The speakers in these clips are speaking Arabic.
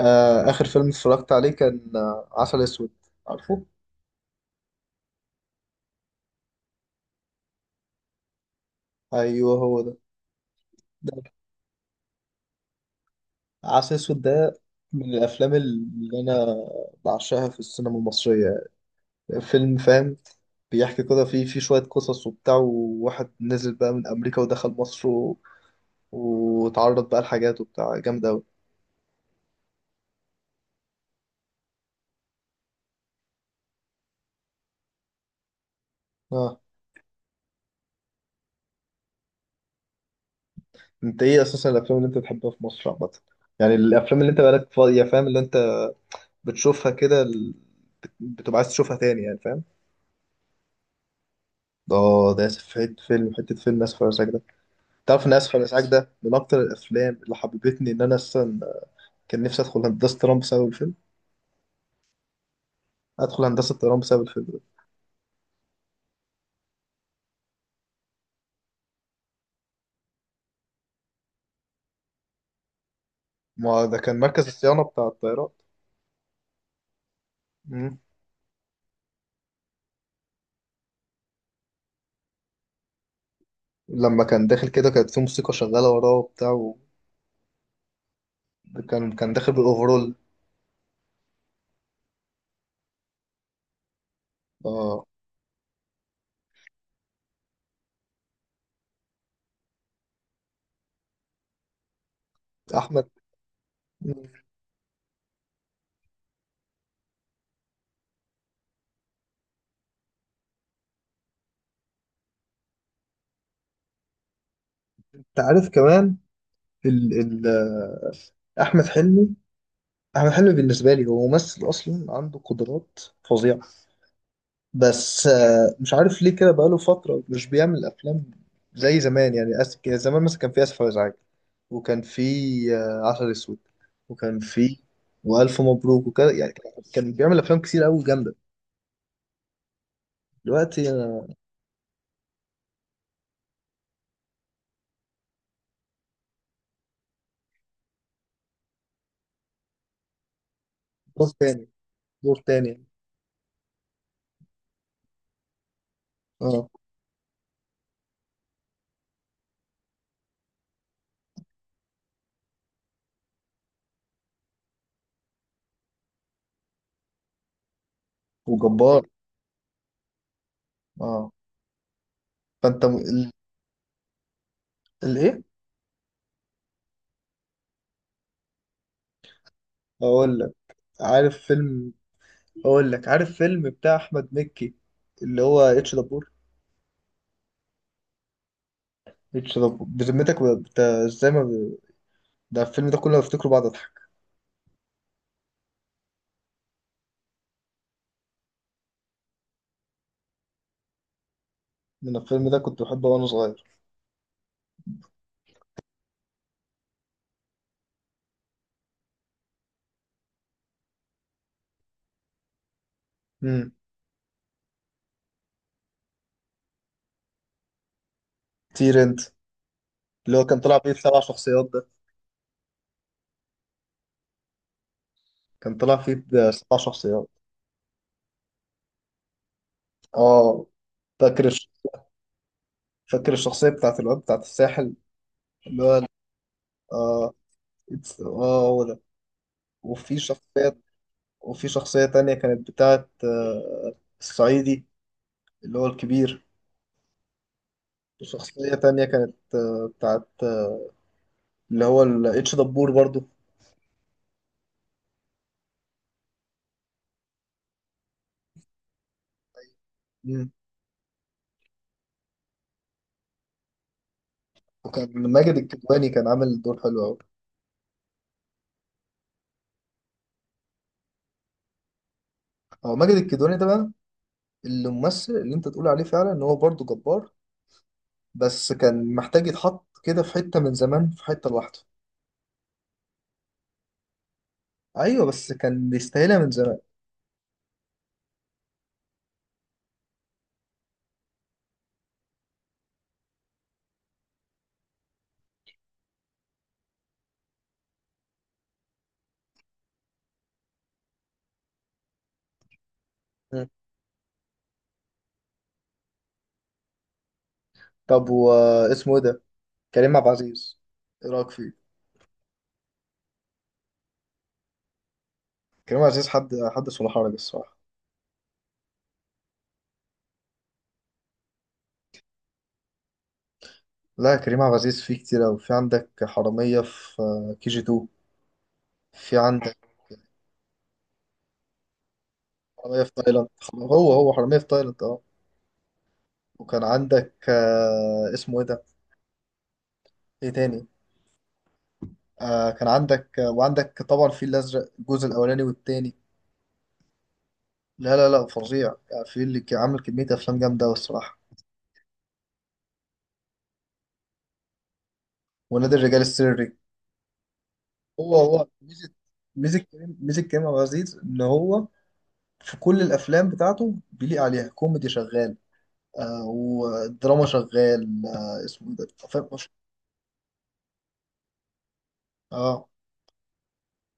آخر فيلم اتفرجت عليه كان عسل أسود. عارفه؟ أيوه، هو ده. ده عسل أسود ده من الأفلام اللي أنا بعشقها في السينما المصرية. فيلم، فاهم؟ بيحكي كده فيه شوية قصص وبتاع، وواحد نزل بقى من أمريكا ودخل مصر و... وتعرض بقى لحاجات وبتاع جامد أوي. آه. أنت إيه أساسا الأفلام اللي أنت بتحبها في مصر عامة؟ يعني الأفلام اللي أنت بقالك فاضية، فاهم؟ اللي أنت بتشوفها كده بتبقى عايز تشوفها تاني، يعني فاهم؟ اه، ده اسف في حته فيلم اسف على الازعاج ده. تعرف ان اسف على الازعاج ده من اكتر الافلام اللي حببتني ان انا اصلا كان نفسي ادخل هندسه طيران بسبب الفيلم. ادخل هندسه طيران بسبب الفيلم ده. ما ده كان مركز الصيانه بتاع الطيارات. مم. لما كان داخل كده كانت في موسيقى شغاله وراه وبتاع، وكان كان كان داخل بالاوفرول. اه. احمد. مم. انت عارف كمان، ال ال آه، احمد حلمي. احمد حلمي بالنسبه لي هو ممثل اصلا عنده قدرات فظيعه. بس مش عارف ليه كده بقاله فترة مش بيعمل أفلام زي زمان، يعني كان زمان مثلا كان في آسف على الإزعاج، وكان في عسل أسود، وكان في، وألف مبروك، وكده يعني. كان بيعمل أفلام كتير أوي جامدة. دلوقتي أنا. دور تاني. دور تاني. اه. وجبار. اه. فأنت الإيه؟ أقول لك عارف فيلم أقول لك عارف فيلم بتاع أحمد مكي، اللي هو اتش دبور. اتش دبور، بذمتك ازاي ما ده الفيلم ده كله بفتكره بعد. من الفيلم ده كنت بحبه وانا صغير. امم طير انت. اللي هو كان طلع فيه 7 شخصيات ده. كان طلع فيه 7 شخصيات. اه. فاكر فاكر الشخصية بتاعت الواد بتاعت الساحل، اللي هو اه هو ده. وفي شخصية وفي شخصية تانية كانت بتاعت الصعيدي، اللي هو الكبير. وشخصية تانية كانت بتاعت اللي هو الاتش دبور برضو. مم. وكان ماجد الكدواني كان عامل دور حلو أوي. هو ماجد الكدواني ده بقى الممثل اللي انت تقول عليه فعلا ان هو برضه جبار. بس كان محتاج يتحط كده في حتة من زمان، في حتة لوحده. ايوه، بس كان بيستاهلها من زمان. مم. طب، واسمه ايه ده؟ كريم عبد العزيز. ايه رايك فيه؟ كريم عبد العزيز حد صلاح حرج الصراحة. لا، كريم عبد العزيز فيه كتير أوي. في عندك حرامية في كي جي 2، في عندك حرامية في تايلاند. هو حرامية في تايلاند، اه. وكان عندك اسمه ايه ده؟ ايه تاني؟ كان عندك، وعندك طبعا في الازرق الجزء الاولاني والتاني. لا، لا، لا، فظيع يعني، في اللي كان عامل كمية أفلام جامدة أوي الصراحة. ونادي الرجال السري. هو ميزة كريم عبد العزيز إن هو في كل الأفلام بتاعته بيليق عليها. كوميدي شغال، ودراما شغال. اسمه إيه ده، فاهم؟ اه.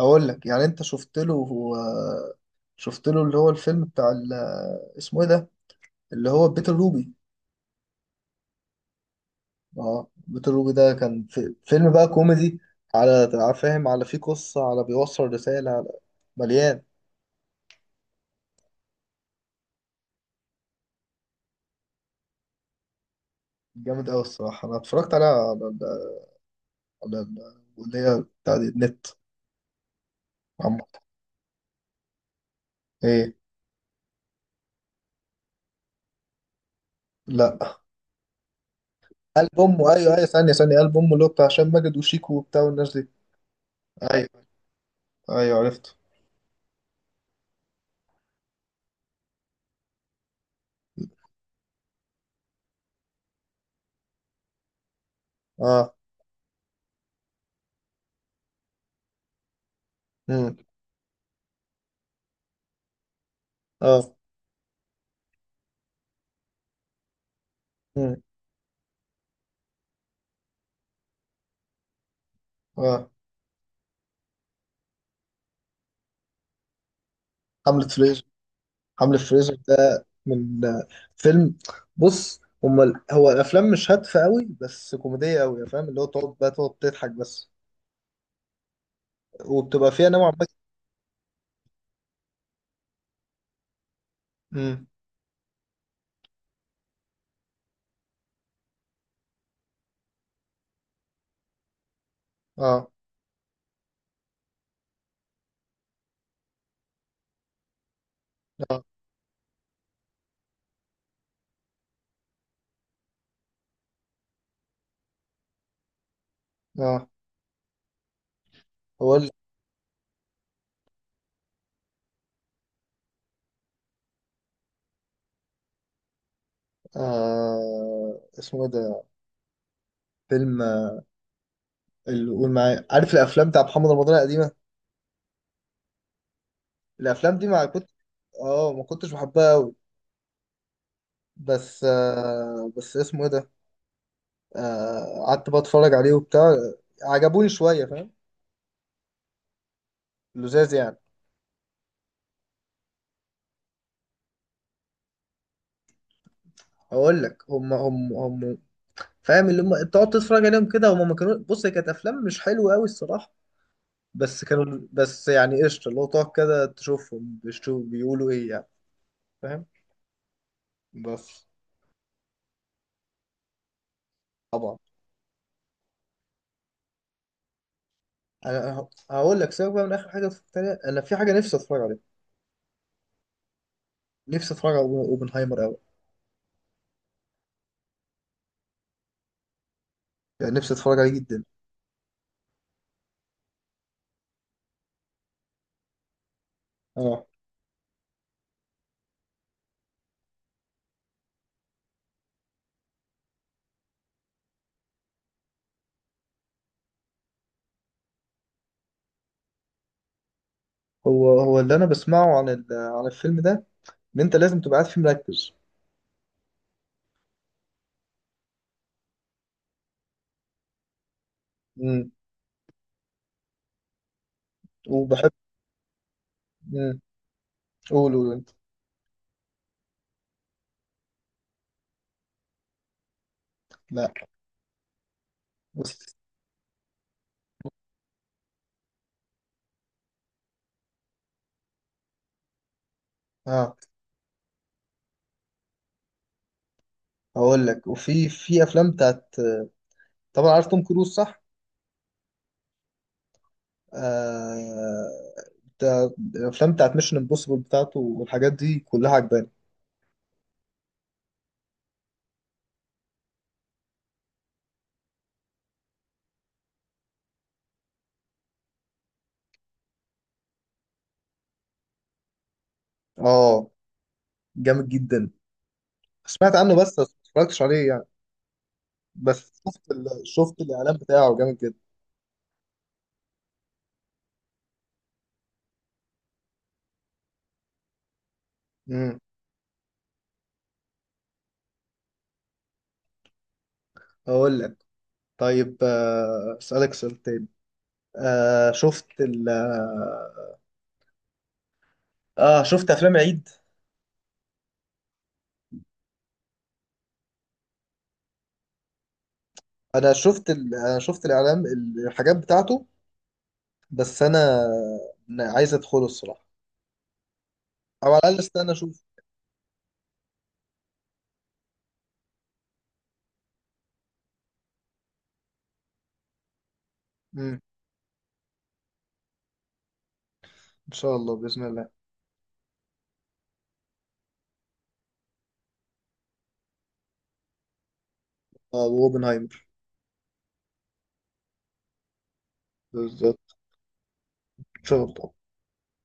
هقول لك يعني، أنت شفت له اللي هو الفيلم بتاع اسمه إيه ده، اللي هو بيت الروبي. اه، بيتر روبي ده كان في فيلم بقى كوميدي، على فاهم، على فيه قصة، على بيوصل رسالة، على مليان. جامد أوي الصراحة. أنا اتفرجت عليها اللي هي بتاع دي النت. عم؟ إيه؟ لا. قلب أمه، أيوه أيوه، ثانية ثانية، قلب أمه اللي هو بتاع هشام ماجد وشيكو وبتاع والناس دي. أيوه أيوه، عرفته. أه. أمم. أه. أمم. أه. حملة فريزر. حملة فريزر ده من فيلم. بص هما هو الافلام مش هادفه قوي بس كوميديه قوي، فاهم؟ اللي هو تقعد بقى تقعد تضحك بس. وبتبقى فيها نوع ما. امم. اه. اه. اه. هو اسمه ايه ده، فيلم اللي قول معايا، عارف الافلام بتاع محمد رمضان القديمه؟ الافلام دي ما كنت. اه، ما كنتش بحبها قوي. بس اسمه ايه ده؟ قعدت بقى اتفرج عليه وبتاع. عجبوني شويه، فاهم؟ لذاذ يعني. اقول لك، هم فاهم؟ اللي هم تقعد تتفرج عليهم كده، هم ما كانوا، بص، هي كانت افلام مش حلوه قوي الصراحه. بس كانوا، بس يعني قشطه، اللي هو تقعد كده تشوفهم، بيشوف بيقولوا ايه يعني. فاهم؟ بس طبعا. انا هقول لك، سيبك بقى من اخر حاجه اتفرجت عليها، انا في حاجه نفسي اتفرج عليها. نفسي اتفرج على اوبنهايمر قوي. يعني نفسي اتفرج عليه جدا. اه. هو اللي انا بسمعه عن الفيلم ده، ان انت لازم تبقى قاعد فيه مركز. امم. وبحب. امم. قول قول انت. لا، بص. اه. هقول لك، وفي في افلام بتاعت. طبعا عارف توم كروز، صح؟ آه... بتاع- الافلام بتاعت ميشن امبوسيبل بتاعته والحاجات دي كلها عجباني. اه. جامد جدا. سمعت عنه، بس ما اتفرجتش عليه يعني. بس شفت الاعلان بتاعه جامد جدا. امم. هقول لك. طيب، اسالك سؤال تاني. آه... شفت ال... اه شفت افلام عيد؟ انا شفت الاعلان، الحاجات بتاعته. بس انا عايز ادخله الصراحة، او على الاقل استنى اشوف. امم. ان شاء الله، باذن الله. اه، واوبنهايمر. بالظبط. ان شاء الله.